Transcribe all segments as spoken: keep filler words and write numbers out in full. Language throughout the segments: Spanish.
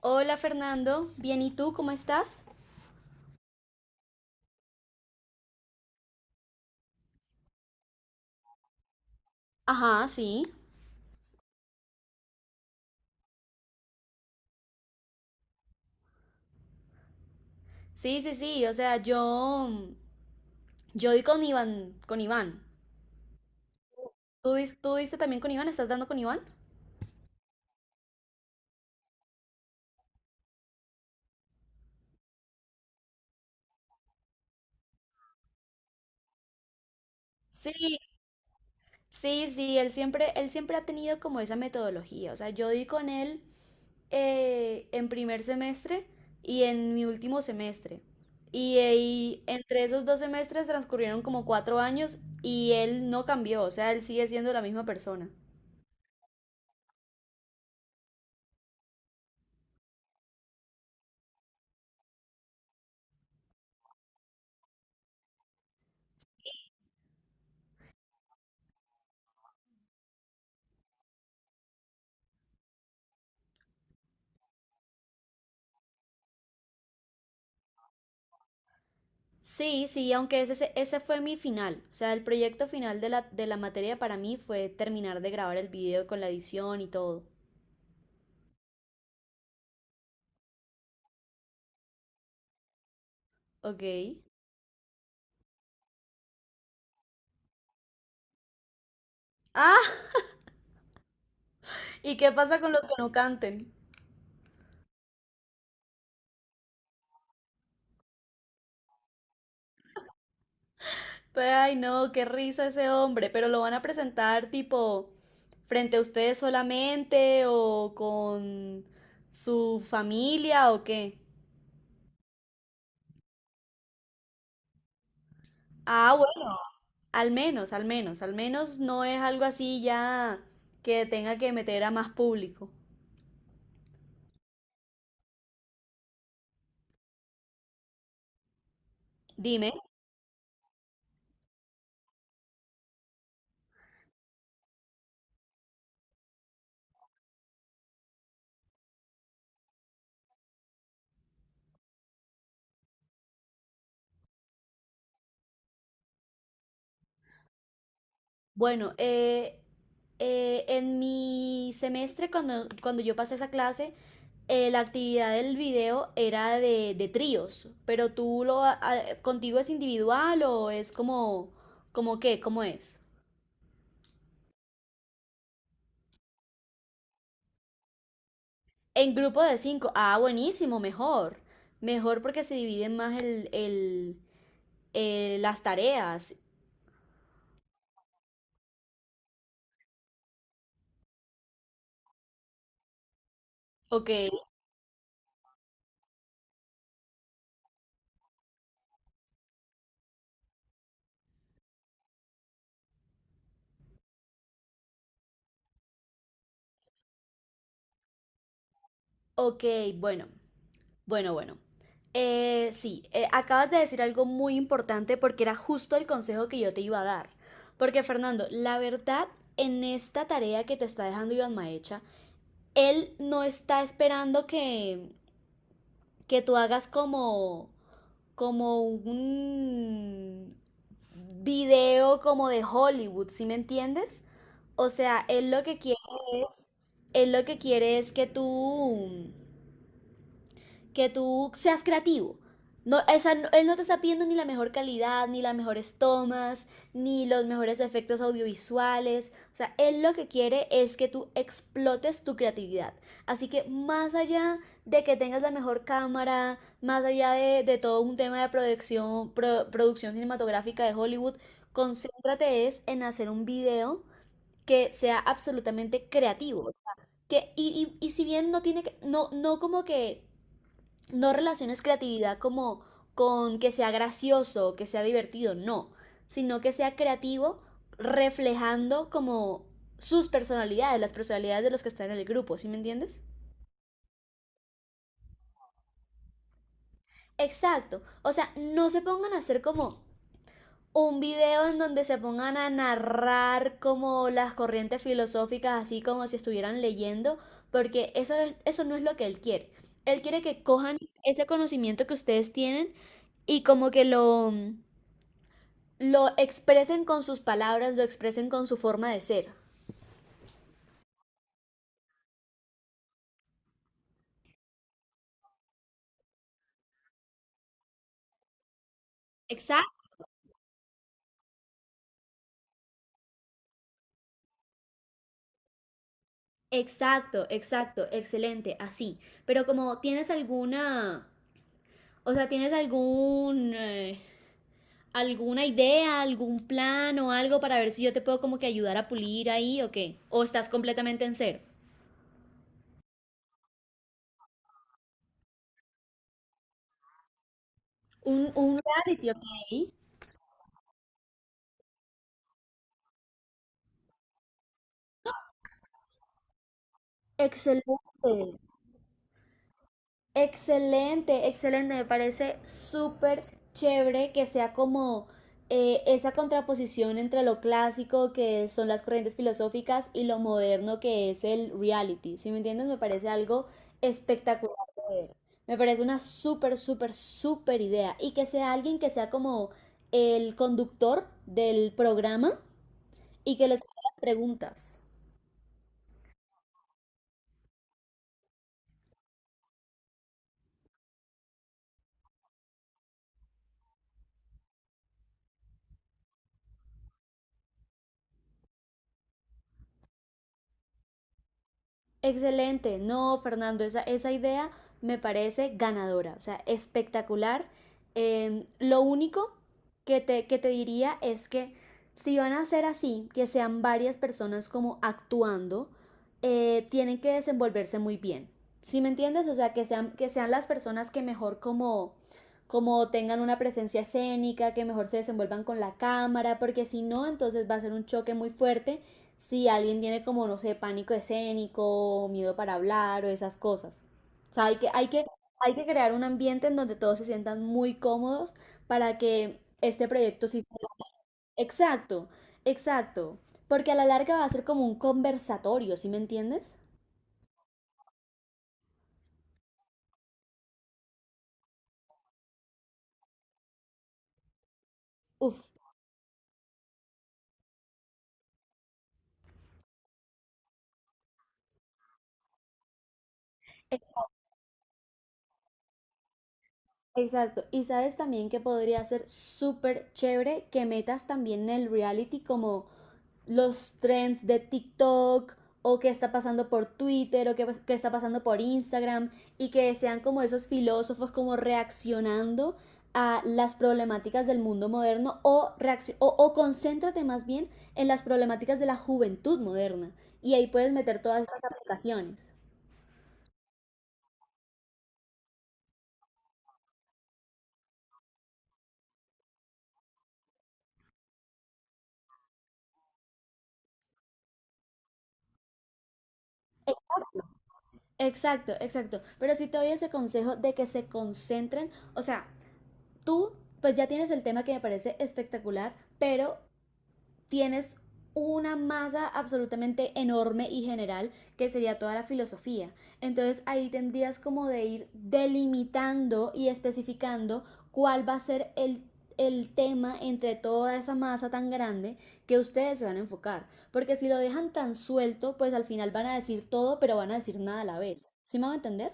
Hola Fernando, bien, ¿y tú cómo estás? Ajá, sí. Sí, sí, sí, o sea, yo, yo di con Iván, con Iván. ¿Tú, dis- tú diste también con Iván? ¿Estás dando con Iván? Sí, sí, sí, él siempre, él siempre ha tenido como esa metodología, o sea, yo di con él eh, en primer semestre y en mi último semestre. Y ahí, entre esos dos semestres transcurrieron como cuatro años y él no cambió, o sea, él sigue siendo la misma persona. Sí, sí, aunque ese, ese fue mi final. O sea, el proyecto final de la, de la materia para mí fue terminar de grabar el video con la edición y todo. Ok. Ah, ¿y qué pasa con los que no canten? Pues, ay, no, qué risa ese hombre, pero lo van a presentar tipo frente a ustedes solamente o con su familia o qué. Ah, bueno. Al menos, al menos, al menos no es algo así ya que tenga que meter a más público. Dime. Bueno, eh, eh, en mi semestre, cuando, cuando yo pasé esa clase, eh, la actividad del video era de, de tríos, pero tú lo, ha- ha- contigo es individual o es como, como qué, ¿cómo es? En grupo de cinco, ah, buenísimo, mejor, mejor porque se dividen más el, el, eh, las tareas, ok. Ok, bueno, bueno, bueno. Eh, sí, eh, acabas de decir algo muy importante porque era justo el consejo que yo te iba a dar. Porque Fernando, la verdad, en esta tarea que te está dejando Iván Maecha, él no está esperando que, que tú hagas como, como un video como de Hollywood, ¿sí me entiendes? O sea, él lo que quiere es, él lo que quiere es que tú que tú seas creativo. No, esa, no, él no te está pidiendo ni la mejor calidad, ni las mejores tomas, ni los mejores efectos audiovisuales. O sea, él lo que quiere es que tú explotes tu creatividad. Así que más allá de que tengas la mejor cámara, más allá de, de todo un tema de producción, pro- producción cinematográfica de Hollywood, concéntrate es en hacer un video que sea absolutamente creativo. Que, y, y- y si bien no tiene que, no, no como que no relaciones creatividad como con que sea gracioso, que sea divertido, no, sino que sea creativo reflejando como sus personalidades, las personalidades de los que están en el grupo, ¿sí me entiendes? Exacto, o sea, no se pongan a hacer como un video en donde se pongan a narrar como las corrientes filosóficas, así como si estuvieran leyendo, porque eso, es- eso no es lo que él quiere. Él quiere que cojan ese conocimiento que ustedes tienen y como que lo, mm, lo expresen con sus palabras, lo expresen con su forma de ser. Exacto, exacto, exacto, excelente, así. Pero como tienes alguna, o sea, tienes algún, eh, alguna idea, algún plan o algo para ver si yo te puedo como que ayudar a pulir ahí o qué. O estás completamente en cero. Un, un reality, ok. Excelente. Excelente, excelente. Me parece súper chévere que sea como eh, esa contraposición entre lo clásico que son las corrientes filosóficas y lo moderno que es el reality. Si me entiendes, me parece algo espectacular de ver. Me parece una súper, súper, súper idea. Y que sea alguien que sea como el conductor del programa y que les haga las preguntas. Excelente, no, Fernando, esa, esa idea me parece ganadora, o sea, espectacular. Eh, lo único que te, que te diría es que si van a ser así, que sean varias personas como actuando, eh, tienen que desenvolverse muy bien. ¿Sí me entiendes? O sea, que sean, que sean las personas que mejor como, como tengan una presencia escénica, que mejor se desenvuelvan con la cámara, porque si no, entonces va a ser un choque muy fuerte si alguien tiene como, no sé, pánico escénico, miedo para hablar o esas cosas. O sea, hay que, hay que, hay que crear un ambiente en donde todos se sientan muy cómodos para que este proyecto sí sea... Exacto, exacto. Porque a la larga va a ser como un conversatorio, ¿sí me entiendes? Uf, ex- exacto. Y sabes también que podría ser súper chévere que metas también el reality como los trends de TikTok o qué está pasando por Twitter o qué, qué, está pasando por Instagram y que sean como esos filósofos como reaccionando a las problemáticas del mundo moderno o, reacc- o, o concéntrate más bien en las problemáticas de la juventud moderna y ahí puedes meter todas estas aplicaciones. E, Exacto, exacto. Pero sí te doy ese consejo de que se concentren, o sea, tú pues ya tienes el tema que me parece espectacular, pero tienes una masa absolutamente enorme y general que sería toda la filosofía. Entonces ahí tendrías como de ir delimitando y especificando cuál va a ser el, el tema entre toda esa masa tan grande que ustedes se van a enfocar. Porque si lo dejan tan suelto, pues al final van a decir todo, pero van a decir nada a la vez. ¿Sí me van a entender?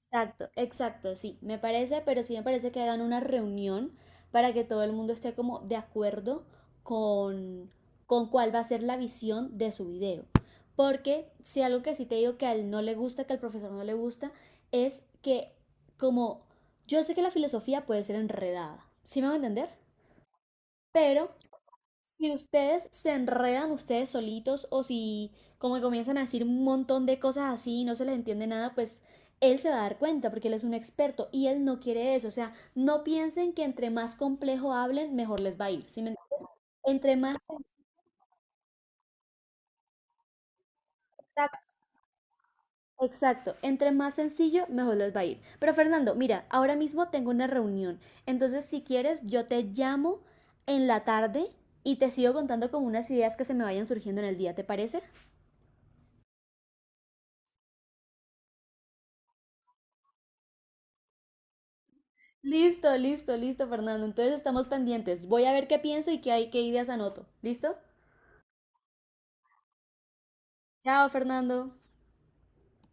Exacto, exacto, sí, me parece, pero sí me parece que hagan una reunión para que todo el mundo esté como de acuerdo con, con cuál va a ser la visión de su video. Porque si algo que sí te digo que a él no le gusta, que al profesor no le gusta, es que como yo sé que la filosofía puede ser enredada, ¿sí me van a entender? Pero si ustedes se enredan ustedes solitos o si como que comienzan a decir un montón de cosas así y no se les entiende nada, pues él se va a dar cuenta porque él es un experto y él no quiere eso. O sea, no piensen que entre más complejo hablen, mejor les va a ir. ¿Sí me entienden? Entre más exacto, exacto, entre más sencillo, mejor les va a ir. Pero Fernando, mira, ahora mismo tengo una reunión. Entonces, si quieres, yo te llamo en la tarde y te sigo contando con unas ideas que se me vayan surgiendo en el día, ¿te parece? Listo, listo, listo, Fernando. Entonces estamos pendientes. Voy a ver qué pienso y qué hay, qué ideas anoto. ¿Listo? Chao, Fernando.